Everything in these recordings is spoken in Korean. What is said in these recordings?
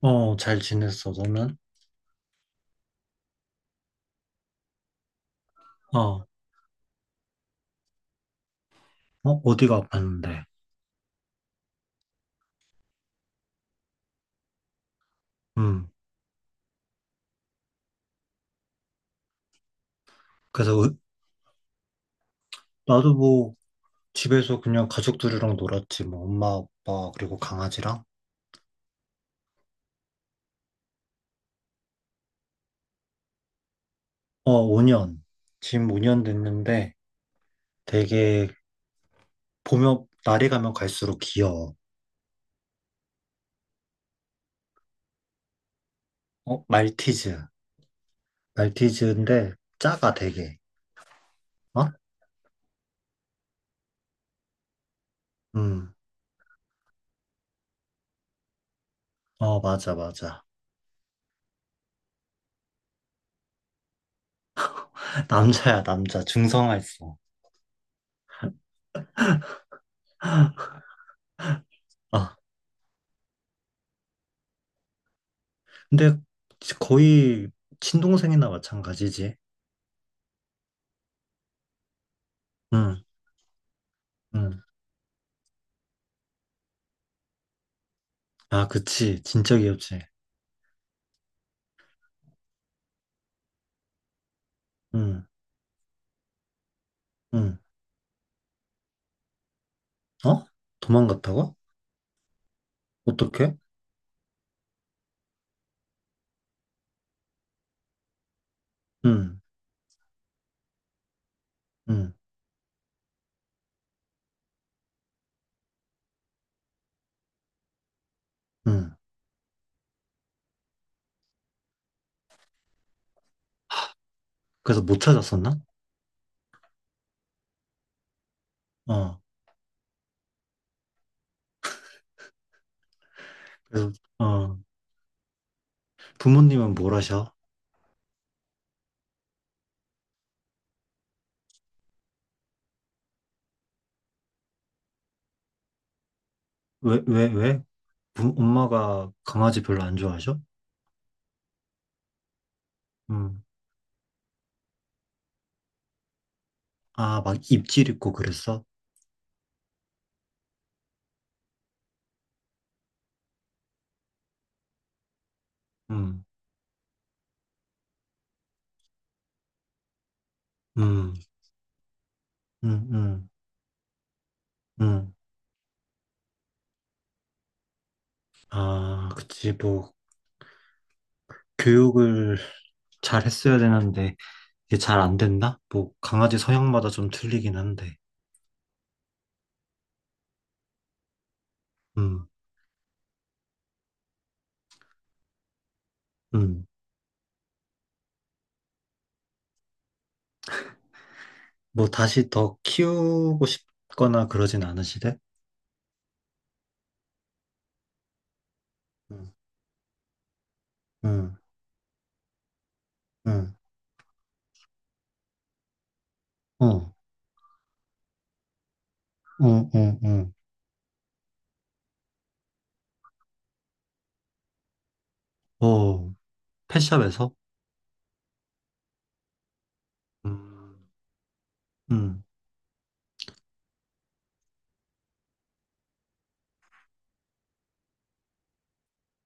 어, 잘 지냈어, 너는? 어, 어, 어디가 아팠는데? 음, 그래서 나도 뭐 집에서 그냥 가족들이랑 놀았지, 뭐 엄마, 아빠, 그리고 강아지랑. 어, 5년. 지금 5년 됐는데 되게 보면, 날이 가면 갈수록 귀여워. 어, 말티즈. 말티즈인데 작아, 되게. 어? 음, 어, 맞아, 맞아. 남자야, 남자. 중성화했어. 아, 근데 거의 친동생이나 마찬가지지. 응, 응. 아, 그치. 진짜 귀엽지. 응, 응. 어? 도망갔다고? 어떻게? 응, 응, 응. 그래서 못 찾았었나? 어. 그래서, 어. 부모님은 뭘 하셔? 왜, 왜, 왜? 엄마가 강아지 별로 안 좋아하셔? 응. 아, 막 입질 있고 그랬어? 응, 응, 응, 응, 응. 아, 그치. 뭐, 교육을 잘 했어야 되는데, 이게 잘 안 된다? 뭐, 강아지 성향마다 좀 틀리긴 한데. 응, 응. 뭐 다시 더 키우고 싶거나 그러진 않으시대? 응, 응, 응, 어, 어, 어, 어, 어, 펫샵에서? 음, 음.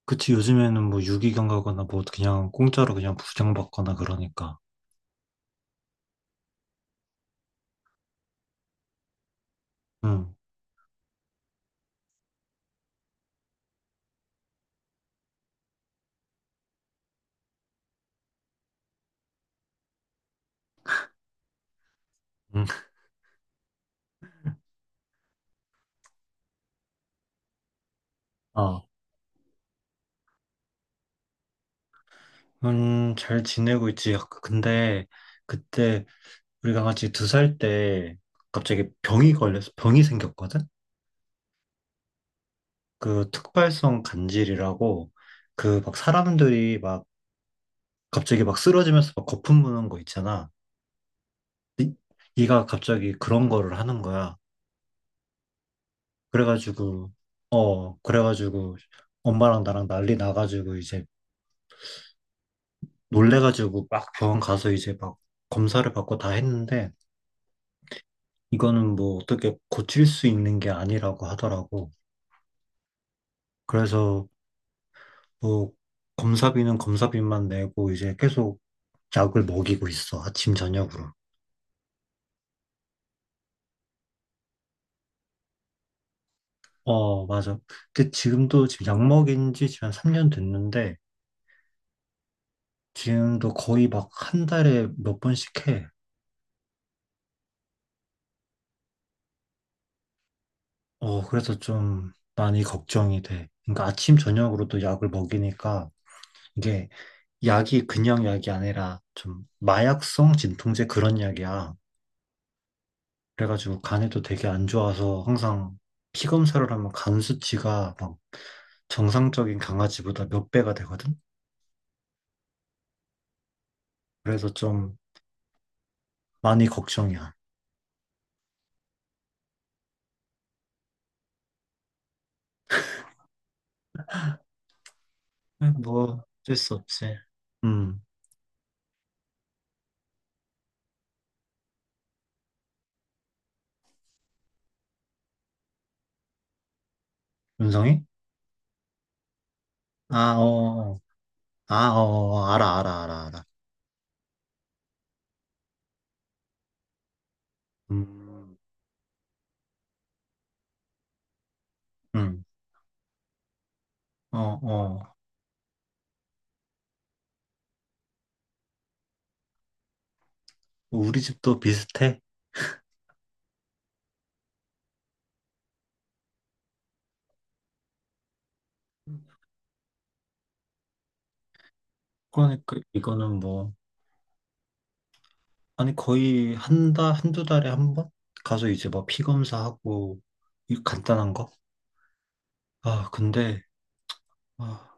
그치, 요즘에는 뭐 유기견 가거나 뭐 그냥 공짜로 그냥 부양받거나 그러니까. 응, 응, 아 잘 지내고 있지. 아, 근데 그때 우리 강아지 2살 때 갑자기 병이 걸려서 병이 생겼거든? 그 특발성 간질이라고 그 막 사람들이 막 갑자기 막 쓰러지면서 막 거품 무는 거 있잖아. 이- 얘가 갑자기 그런 거를 하는 거야. 그래가지고, 어, 그래가지고 엄마랑 나랑 난리 나가지고 이제 놀래가지고 막 병원 가서 이제 막 검사를 받고 다 했는데 이거는 뭐 어떻게 고칠 수 있는 게 아니라고 하더라고. 그래서 뭐 검사비는 검사비만 내고 이제 계속 약을 먹이고 있어. 아침, 저녁으로. 어, 맞아. 근데 지금도 지금 약 먹인 지 지금 한 3년 됐는데 지금도 거의 막 한 달에 몇 번씩 해. 어, 그래서 좀 많이 걱정이 돼. 그러니까 아침, 저녁으로도 약을 먹이니까 이게 약이 그냥 약이 아니라 좀 마약성 진통제 그런 약이야. 그래가지고 간에도 되게 안 좋아서 항상 피 검사를 하면 간 수치가 막 정상적인 강아지보다 몇 배가 되거든? 그래서 좀 많이 걱정이야. 에, 뭐, 어쩔 수 없지. 음, 윤성이? 아, 어. 아, 어, 어, 알아, 알아, 알아, 알아. 음, 응, 어, 어. 우리 집도 비슷해. 그러니까 이거는 뭐, 아니, 거의 한 달, 한 두 달에 한 번? 가서 이제 막 피 검사하고, 이 간단한 거? 아, 근데, 아,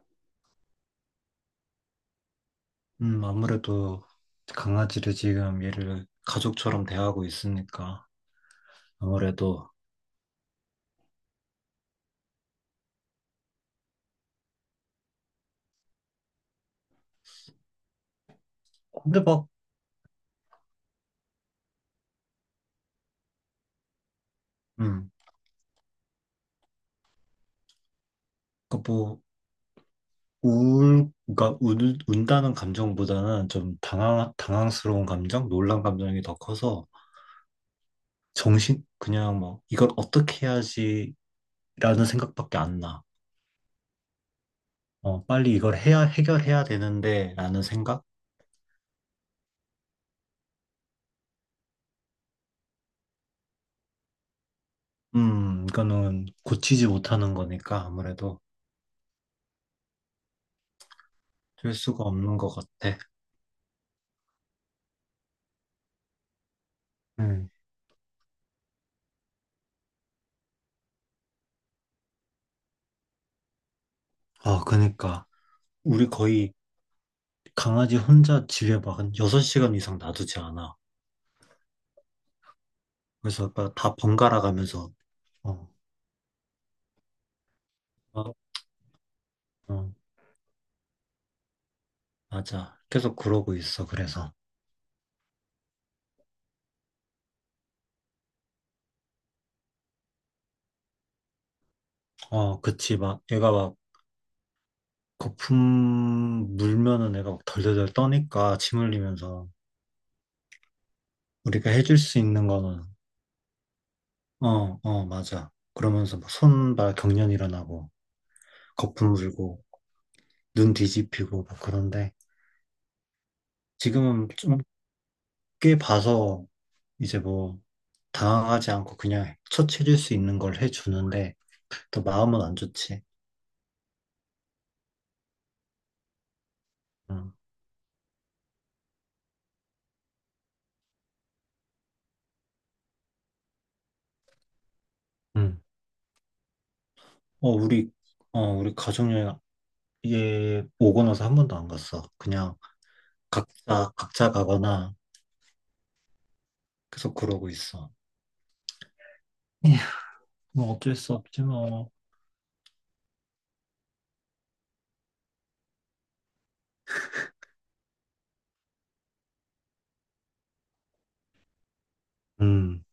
아무래도 강아지를 지금 얘를 가족처럼 대하고 있으니까, 아무래도, 근데 막, 음, 그러니까 뭐, 울, 그러니까 운, 운다는 감정보다는 좀 당황스러운 감정, 놀란 감정이 더 커서, 정신, 그냥 뭐, 이걸 어떻게 해야지라는 생각밖에 안 나. 어, 빨리 이걸 해결해야 되는데, 라는 생각? 이거는 고치지 못하는 거니까 아무래도 될 수가 없는 것 같아. 음. 아, 그니까. 우리 거의 강아지 혼자 집에 막 한 6시간 이상 놔두지 않아. 그래서 막다 번갈아 가면서, 어, 어, 어, 맞아. 계속 그러고 있어. 그래서. 어, 그치. 막, 얘가 막, 거품 물면은 애가 막 덜덜덜 떠니까 침 흘리면서 우리가 해줄 수 있는 거는 어, 어, 맞아. 그러면서 막 손발 경련 일어나고 거품 물고 눈 뒤집히고 막 그런데 지금은 좀 꽤 봐서 이제 뭐 당황하지 않고 그냥 처치해줄 수 있는 걸 해주는데 또 마음은 안 좋지. 응. 응. 어, 우리 어, 우리 가족여행 얘 오고 나서 한 번도 안 갔어. 그냥 각자 각자 가거나 계속 그러고 있어. 에휴, 뭐 어쩔 수 없지 뭐. 음,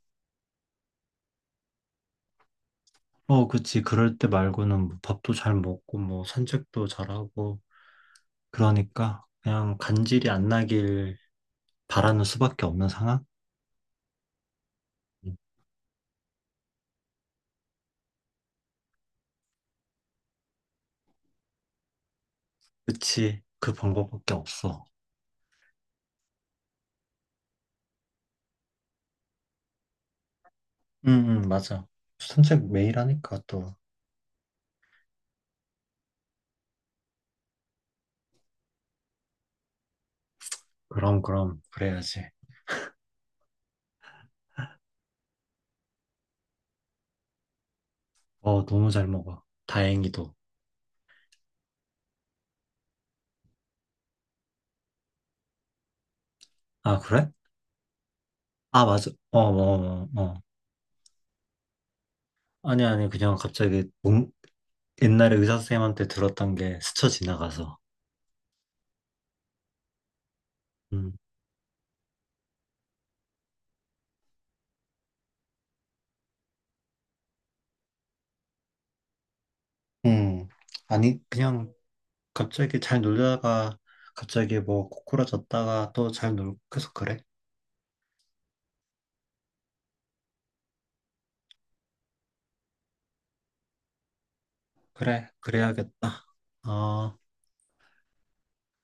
어, 그치. 그럴 때 말고는 뭐 밥도 잘 먹고 뭐 산책도 잘하고 그러니까 그냥 간질이 안 나길 바라는 수밖에 없는 상황? 음, 그치. 그 방법밖에 없어. 응, 응, 맞아. 산책 매일 하니까 또. 그럼, 그럼. 그래야지. 어, 너무 잘 먹어. 다행히도. 아, 그래? 아, 맞아. 어, 어, 어, 어. 아니, 아니. 그냥 갑자기 옛날에 의사 선생님한테 들었던 게 스쳐 지나가서. 음, 아니, 그냥 갑자기 잘 놀다가 갑자기 뭐 고꾸라졌다가 또 잘 놀고 계속 그래? 그래, 그래야겠다. 어.